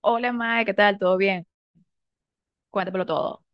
Hola, Mae, ¿qué tal? ¿Todo bien? Cuéntamelo todo.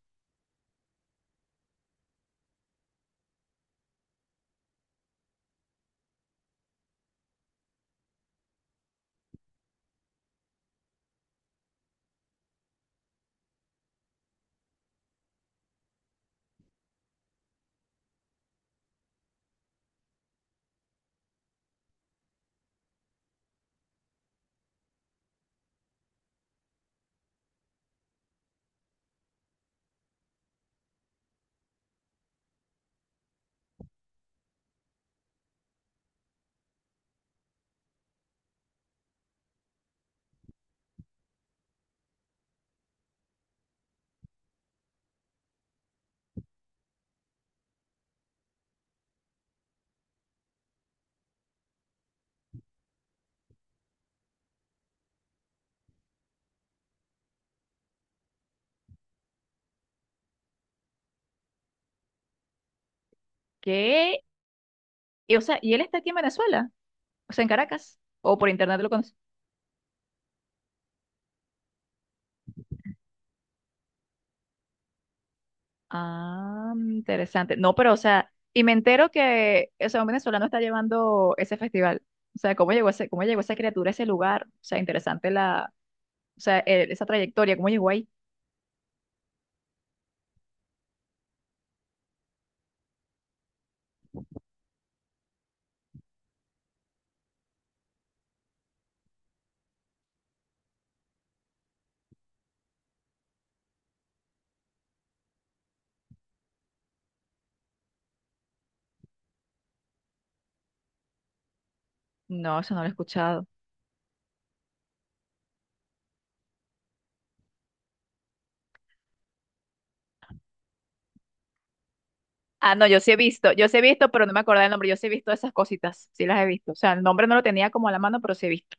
¿Qué? Y, o sea, ¿y él está aquí en Venezuela? O sea, en Caracas. ¿O por internet lo conoces? Ah, interesante. No, pero, o sea, y me entero que, o sea, un venezolano está llevando ese festival. O sea, ¿cómo llegó ese, cómo llegó esa criatura a ese lugar? O sea, interesante la, o sea, esa trayectoria, ¿cómo llegó ahí? No, eso no lo he escuchado. Ah, no, yo sí he visto, yo sí he visto, pero no me acordaba el nombre. Yo sí he visto esas cositas, sí las he visto. O sea, el nombre no lo tenía como a la mano, pero sí he visto.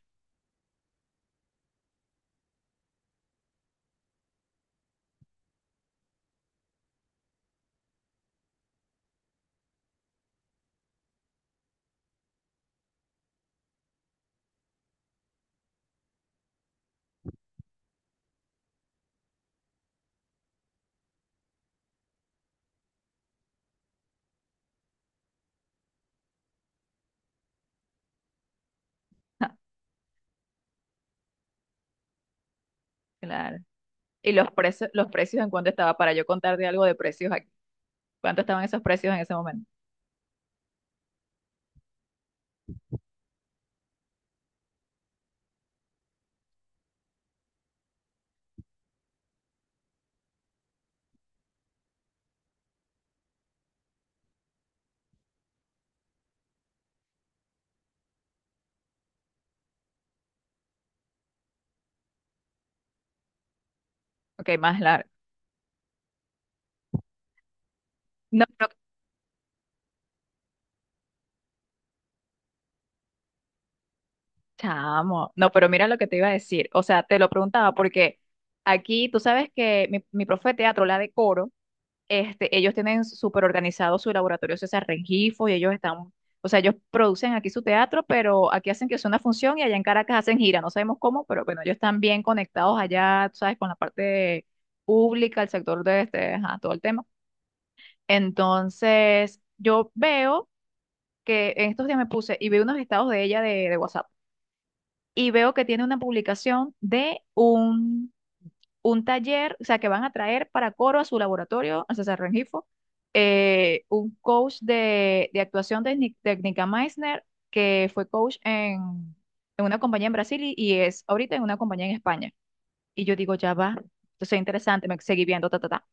Claro. Y los precios en cuánto estaba para yo contarte algo de precios aquí. ¿Cuánto estaban esos precios en ese momento? Ok, más largo. No, no, chamo. No, pero mira lo que te iba a decir. O sea, te lo preguntaba porque aquí tú sabes que mi profe de teatro, la de coro. Este, ellos tienen súper organizado su laboratorio César Rengifo y ellos están, o sea, ellos producen aquí su teatro, pero aquí hacen que sea una función y allá en Caracas hacen gira, no sabemos cómo, pero bueno, ellos están bien conectados allá, tú sabes, con la parte pública, el sector de este, ajá, todo el tema. Entonces, yo veo que en estos días me puse y vi unos estados de ella de, WhatsApp y veo que tiene una publicación de un taller, o sea, que van a traer para coro a su laboratorio, a César Rengifo, un coach de, actuación de, de Nica Meissner, que fue coach en una compañía en Brasil y es ahorita en una compañía en España. Y yo digo, ya va, entonces interesante, me seguí viendo, ta, ta, ta.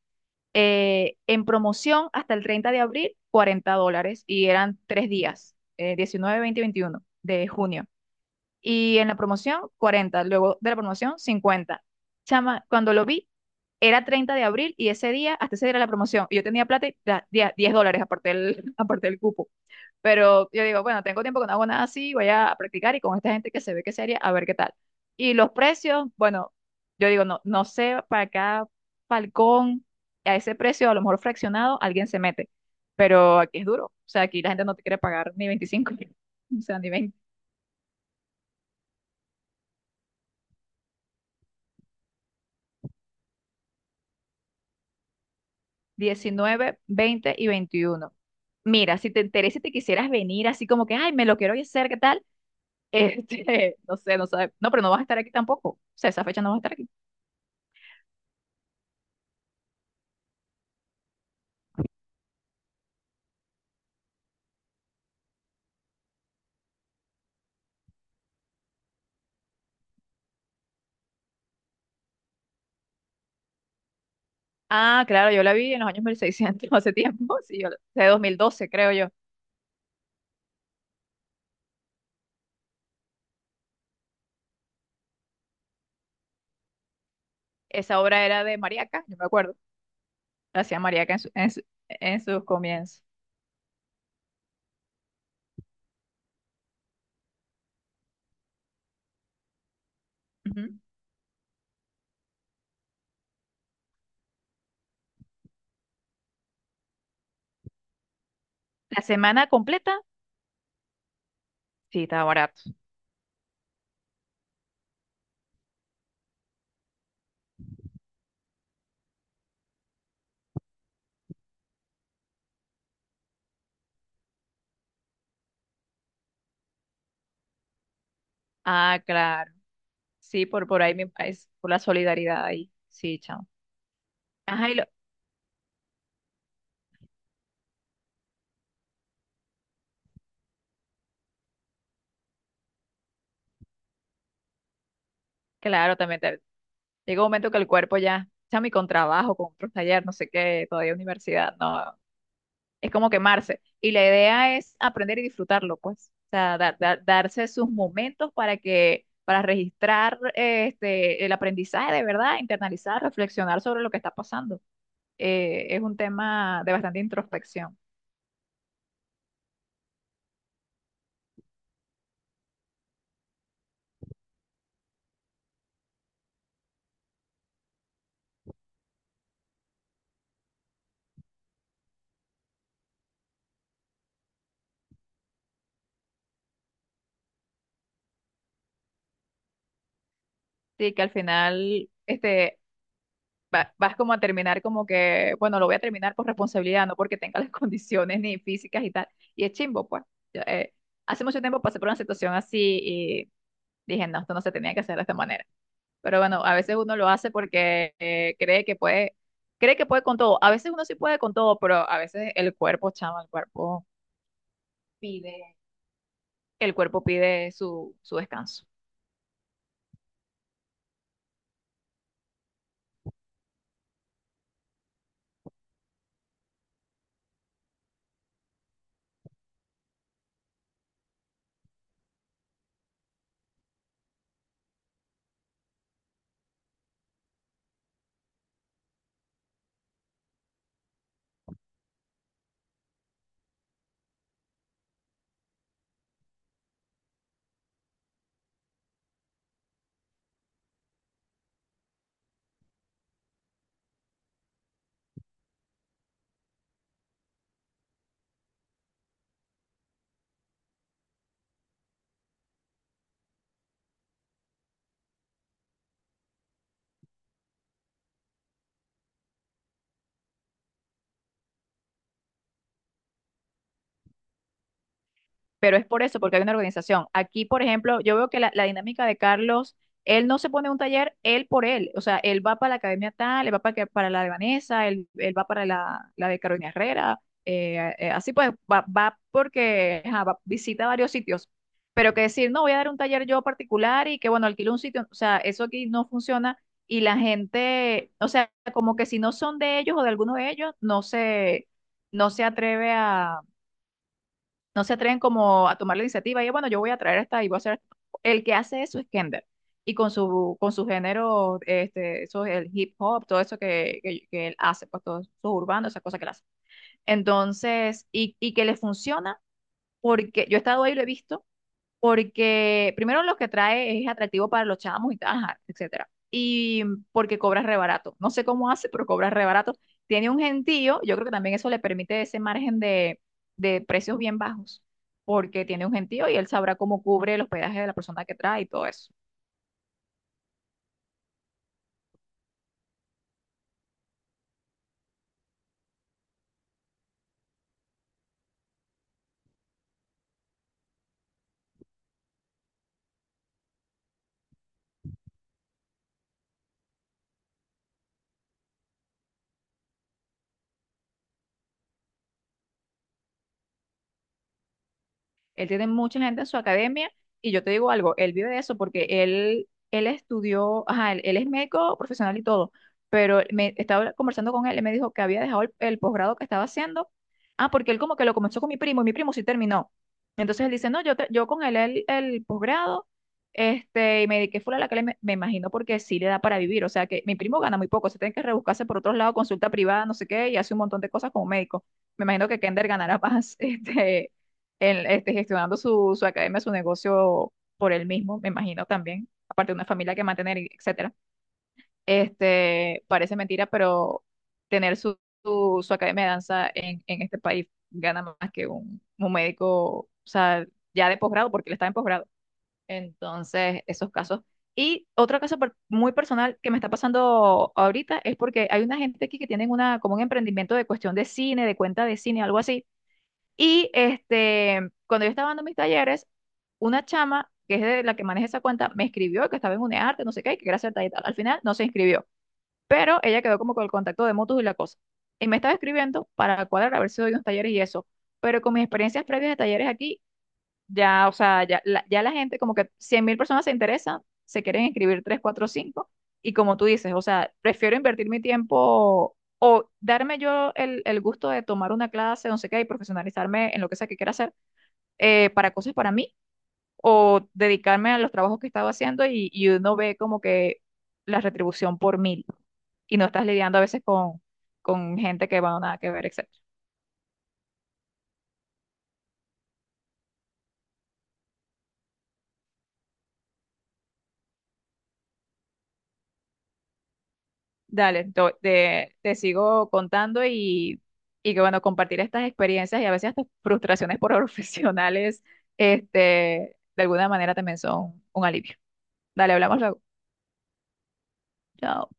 En promoción hasta el 30 de abril, $40 y eran tres días, 19, 20 y 21 de junio. Y en la promoción, 40. Luego de la promoción, 50. Chama, cuando lo vi, era 30 de abril y ese día, hasta ese día era la promoción. Y yo tenía plata y 10, $10 aparte del, aparte del cupo. Pero yo digo, bueno, tengo tiempo que no hago nada así, voy a practicar y con esta gente que se ve que es seria, a ver qué tal. Y los precios, bueno, yo digo, no, no sé, para cada falcón, a ese precio, a lo mejor fraccionado, alguien se mete. Pero aquí es duro. O sea, aquí la gente no te quiere pagar ni 25, o sea, ni 19, 20 y 21. Mira, si te interesa y te quisieras venir así como que, ay, me lo quiero hacer, ¿qué tal? Este, no sé, no sabes. No, pero no vas a estar aquí tampoco. O sea, esa fecha no vas a estar aquí. Ah, claro, yo la vi en los años 1600, hace tiempo, sí, yo, de 2012 creo yo. Esa obra era de Mariaca, yo me acuerdo. La hacía Mariaca en sus comienzos. Ujú. La semana completa, sí, estaba barato. Ah, claro. Sí, por ahí, mi país, por la solidaridad ahí. Sí, chao. Ajá, claro, también llega un momento que el cuerpo ya, chami, con trabajo, con otros talleres, no sé qué, todavía universidad, no, es como quemarse. Y la idea es aprender y disfrutarlo, pues. O sea, darse sus momentos para que, para registrar este, el aprendizaje de verdad, internalizar, reflexionar sobre lo que está pasando. Es un tema de bastante introspección. Sí, que al final, este, vas como a terminar como que, bueno, lo voy a terminar por responsabilidad, no porque tenga las condiciones ni físicas y tal. Y es chimbo, pues. Yo, hace mucho tiempo pasé por una situación así y dije, no, esto no se tenía que hacer de esta manera. Pero bueno, a veces uno lo hace porque cree que puede con todo. A veces uno sí puede con todo, pero a veces el cuerpo, chama, pide, el cuerpo pide su descanso. Pero es por eso, porque hay una organización. Aquí, por ejemplo, yo veo que la dinámica de Carlos, él no se pone un taller él por él, o sea, él va para la academia tal, él va para la de Vanessa, él va para la de Carolina Herrera, así pues, va porque ajá, visita varios sitios, pero que decir, no, voy a dar un taller yo particular y que bueno, alquilo un sitio, o sea, eso aquí no funciona. Y la gente, o sea, como que si no son de ellos o de alguno de ellos, no se atreve no se atreven como a tomar la iniciativa y bueno, yo voy a traer esta y voy a hacer esto. El que hace eso es Kender. Y con su género, este, eso es el hip hop, todo eso que él hace, pues todo eso urbano, esa cosa que él hace. Entonces, y que le funciona, porque yo he estado ahí y lo he visto, porque primero lo que trae es atractivo para los chamos y tal, ajá, etcétera. Y porque cobra re barato. No sé cómo hace, pero cobra re barato. Tiene un gentío, yo creo que también eso le permite ese margen de precios bien bajos, porque tiene un gentío y él sabrá cómo cubre el hospedaje de la persona que trae y todo eso. Él tiene mucha gente en su academia y yo te digo algo, él vive de eso porque él estudió, ajá, él es médico profesional y todo, pero me estaba conversando con él y me dijo que había dejado el posgrado que estaba haciendo. Ah, porque él como que lo comenzó con mi primo y mi primo sí terminó. Entonces él dice, no, yo con él el posgrado, este, y me dediqué full a la que me imagino porque sí le da para vivir. O sea que mi primo gana muy poco, se tiene que rebuscarse por otros lados, consulta privada, no sé qué, y hace un montón de cosas como médico. Me imagino que Kender ganará más, este, él, este, gestionando su academia, su negocio por él mismo, me imagino también, aparte de una familia que mantener, y etcétera. Este, parece mentira, pero tener su academia de danza en este país gana más que un médico, o sea, ya de posgrado, porque él está en posgrado. Entonces, esos casos. Y otro caso muy personal que me está pasando ahorita es porque hay una gente aquí que tienen una, como un emprendimiento de cuestión de cine, de cuenta de cine, algo así y este, cuando yo estaba dando mis talleres, una chama, que es de la que maneja esa cuenta, me escribió que estaba en UNEARTE, no sé qué, y que quería hacer tal y tal. Al final no se inscribió, pero ella quedó como con el contacto de motus y la cosa. Y me estaba escribiendo para cuadrar a ver si doy unos talleres y eso. Pero con mis experiencias previas de talleres aquí, ya, o sea, ya la, gente, como que 100.000 personas se interesan, se quieren inscribir 3, 4, 5 y como tú dices, o sea, prefiero invertir mi tiempo o darme yo el gusto de tomar una clase, no sé qué, y profesionalizarme en lo que sea que quiera hacer, para cosas para mí, o dedicarme a los trabajos que estaba haciendo y uno ve como que la retribución por mil, y no estás lidiando a veces con, gente que va a nada que ver, etc. Dale, te sigo contando y que bueno, compartir estas experiencias y a veces estas frustraciones por profesionales, este, de alguna manera también son un alivio. Dale, hablamos luego. Chao.